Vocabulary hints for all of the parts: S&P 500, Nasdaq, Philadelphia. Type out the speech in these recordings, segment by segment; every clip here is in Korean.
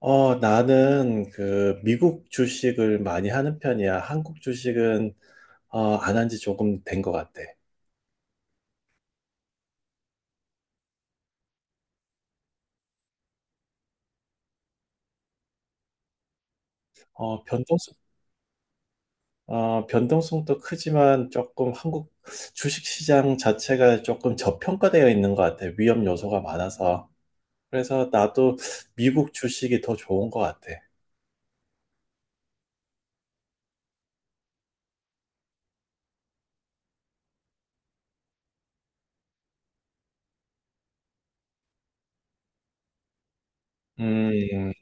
나는 그 미국 주식을 많이 하는 편이야. 한국 주식은 안 한 지 조금 된 것 같아. 어, 변동성, 변동성도 크지만 조금 한국 주식 시장 자체가 조금 저평가되어 있는 것 같아. 위험 요소가 많아서. 그래서 나도 미국 주식이 더 좋은 것 같아. 음,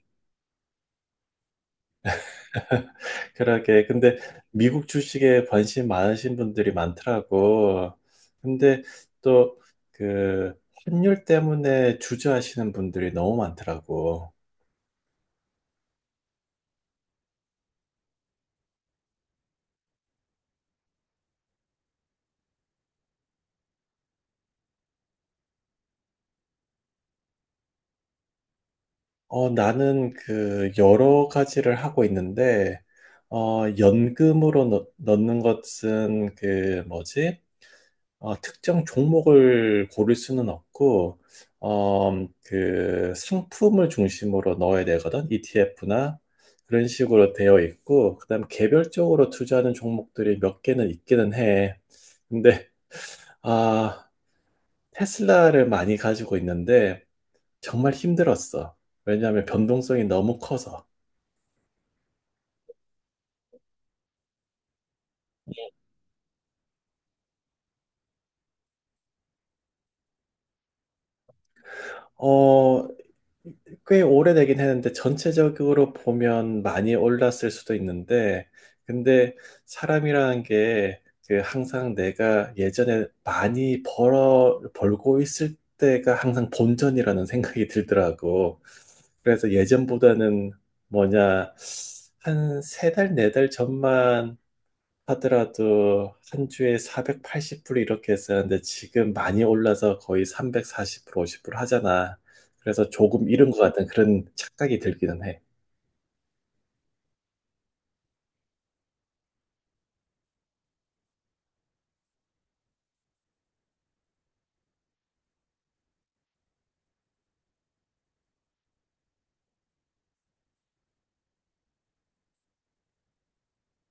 그러게. 근데 미국 주식에 관심 많으신 분들이 많더라고. 근데 또 그 환율 때문에 주저하시는 분들이 너무 많더라고. 나는 그 여러 가지를 하고 있는데, 연금으로 넣, 는 것은 그 뭐지? 특정 종목을 고를 수는 없고, 그 상품을 중심으로 넣어야 되거든. ETF나 그런 식으로 되어 있고, 그다음 개별적으로 투자하는 종목들이 몇 개는 있기는 해. 근데 아, 테슬라를 많이 가지고 있는데 정말 힘들었어. 왜냐하면 변동성이 너무 커서. 어, 꽤 오래되긴 했는데 전체적으로 보면 많이 올랐을 수도 있는데 근데 사람이라는 게그 항상 내가 예전에 많이 벌어 벌고 있을 때가 항상 본전이라는 생각이 들더라고. 그래서 예전보다는 뭐냐 한 세 달, 네 달 전만 하더라도 한 주에 480불 이렇게 했었는데 지금 많이 올라서 거의 340불, 50불 하잖아. 그래서 조금 잃은 것 같은 그런 착각이 들기는 해.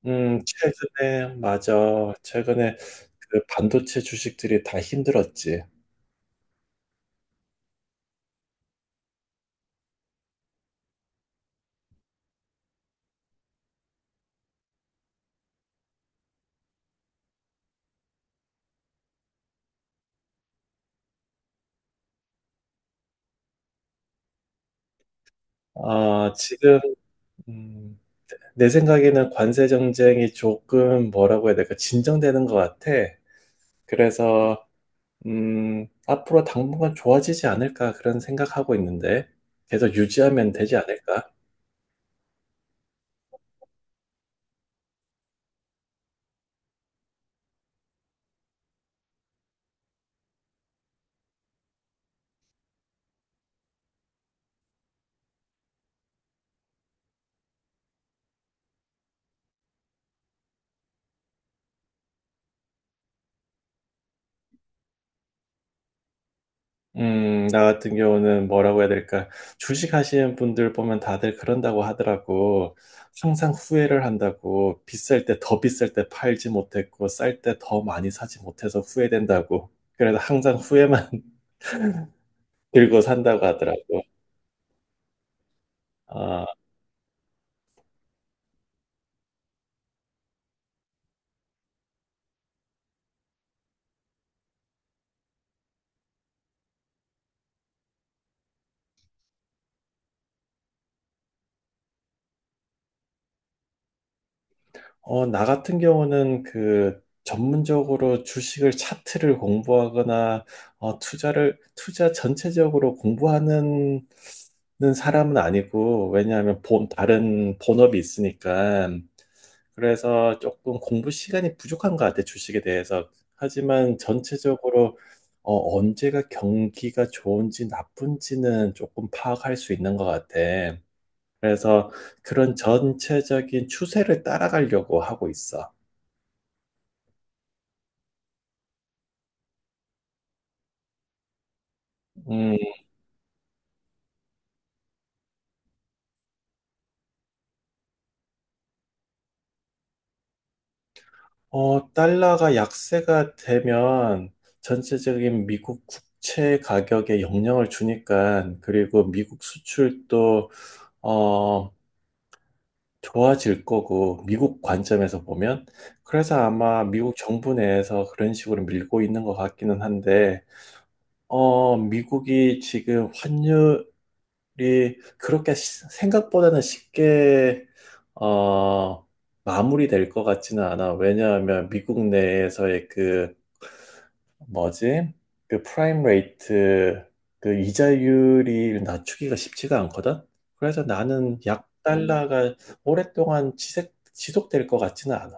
맞아. 최근에 그 반도체 주식들이 다 힘들었지. 아, 지금, 음, 내 생각에는 관세 정쟁이 조금 뭐라고 해야 될까, 진정되는 것 같아. 그래서 앞으로 당분간 좋아지지 않을까 그런 생각하고 있는데 계속 유지하면 되지 않을까? 나 같은 경우는 뭐라고 해야 될까? 주식 하시는 분들 보면 다들 그런다고 하더라고. 항상 후회를 한다고. 비쌀 때 더 비쌀 때 팔지 못했고, 쌀 때 더 많이 사지 못해서 후회된다고. 그래서 항상 후회만 들고 산다고 하더라고. 어, 나 같은 경우는 그 전문적으로 주식을 차트를 공부하거나 투자 전체적으로 공부하는 는 사람은 아니고 왜냐하면 본 다른 본업이 있으니까 그래서 조금 공부 시간이 부족한 것 같아 주식에 대해서. 하지만 전체적으로 언제가 경기가 좋은지 나쁜지는 조금 파악할 수 있는 것 같아. 그래서 그런 전체적인 추세를 따라가려고 하고 있어. 음, 달러가 약세가 되면 전체적인 미국 국채 가격에 영향을 주니까, 그리고 미국 수출도, 어, 좋아질 거고, 미국 관점에서 보면. 그래서 아마 미국 정부 내에서 그런 식으로 밀고 있는 것 같기는 한데, 미국이 지금 환율이 그렇게 생각보다는 쉽게, 어, 마무리될 것 같지는 않아. 왜냐하면 미국 내에서의 그 뭐지? 그 프라임 레이트 그 이자율이 낮추기가 쉽지가 않거든. 그래서 나는 약 달러가 오랫동안 지속될 것 같지는 않아.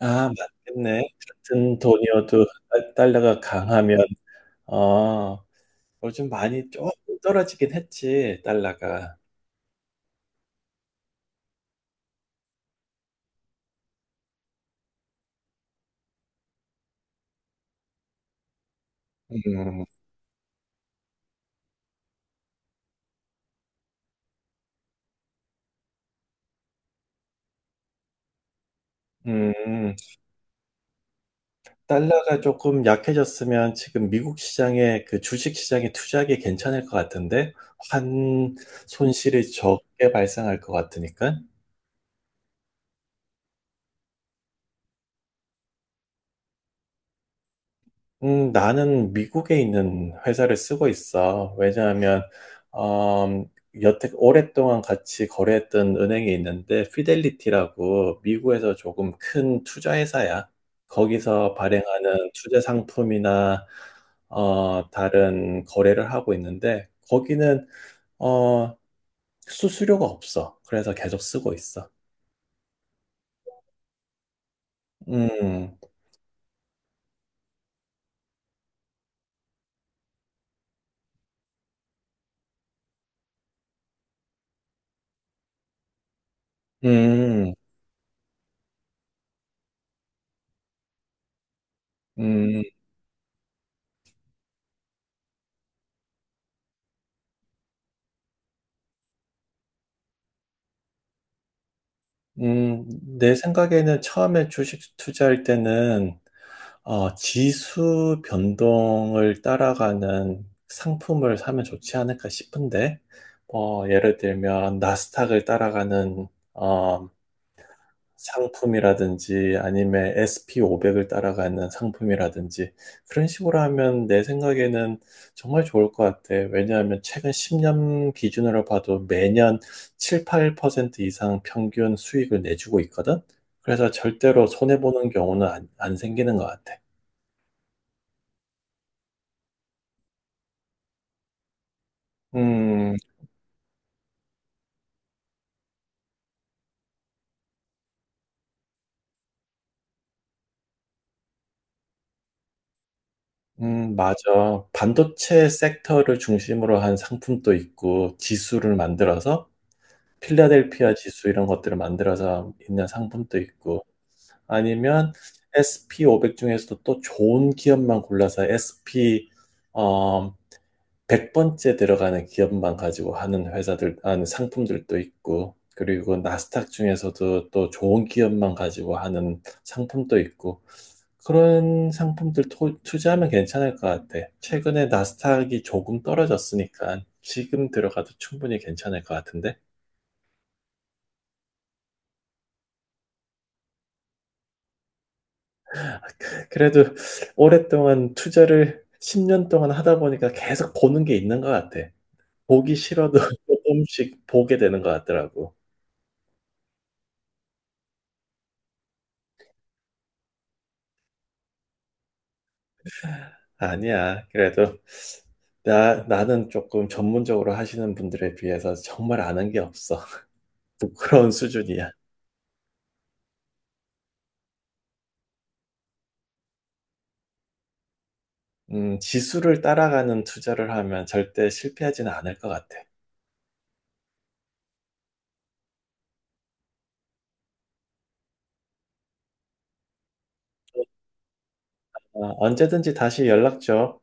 아, 맞겠네. 같은 돈이어도 달러가 강하면 어, 요즘 많이 조금 떨어지긴 했지, 달러가. 음. 음. 달러가 조금 약해졌으면 지금 미국 시장에 그 주식 시장에 투자하기 괜찮을 것 같은데 환 손실이 적게 발생할 것 같으니까. 나는 미국에 있는 회사를 쓰고 있어. 왜냐하면 음, 여태 오랫동안 같이 거래했던 은행이 있는데 피델리티라고 미국에서 조금 큰 투자 회사야. 거기서 발행하는 투자 상품이나 다른 거래를 하고 있는데 거기는 어, 수수료가 없어. 그래서 계속 쓰고 있어. 음. 음. 음. 음. 내 생각에는 처음에 주식 투자할 때는 지수 변동을 따라가는 상품을 사면 좋지 않을까 싶은데, 예를 들면 나스닥을 따라가는 어, 상품이라든지 아니면 SP500을 따라가는 상품이라든지 그런 식으로 하면 내 생각에는 정말 좋을 것 같아. 왜냐하면 최근 10년 기준으로 봐도 매년 7, 8% 이상 평균 수익을 내주고 있거든. 그래서 절대로 손해보는 경우는 안 생기는 것 같아. 음. 맞아. 반도체 섹터를 중심으로 한 상품도 있고, 지수를 만들어서, 필라델피아 지수 이런 것들을 만들어서 있는 상품도 있고, 아니면 SP500 중에서도 또 좋은 기업만 골라서 SP 어, 100번째 들어가는 기업만 가지고 하는 회사들, 하는 상품들도 있고, 그리고 나스닥 중에서도 또 좋은 기업만 가지고 하는 상품도 있고, 그런 상품들 투자하면 괜찮을 것 같아. 최근에 나스닥이 조금 떨어졌으니까 지금 들어가도 충분히 괜찮을 것 같은데. 그래도 오랫동안 투자를 10년 동안 하다 보니까 계속 보는 게 있는 것 같아. 보기 싫어도 조금씩 보게 되는 것 같더라고. 아니야. 그래도 나는 조금 전문적으로 하시는 분들에 비해서 정말 아는 게 없어. 부끄러운 수준이야. 지수를 따라가는 투자를 하면 절대 실패하지는 않을 것 같아. 언제든지 다시 연락 줘.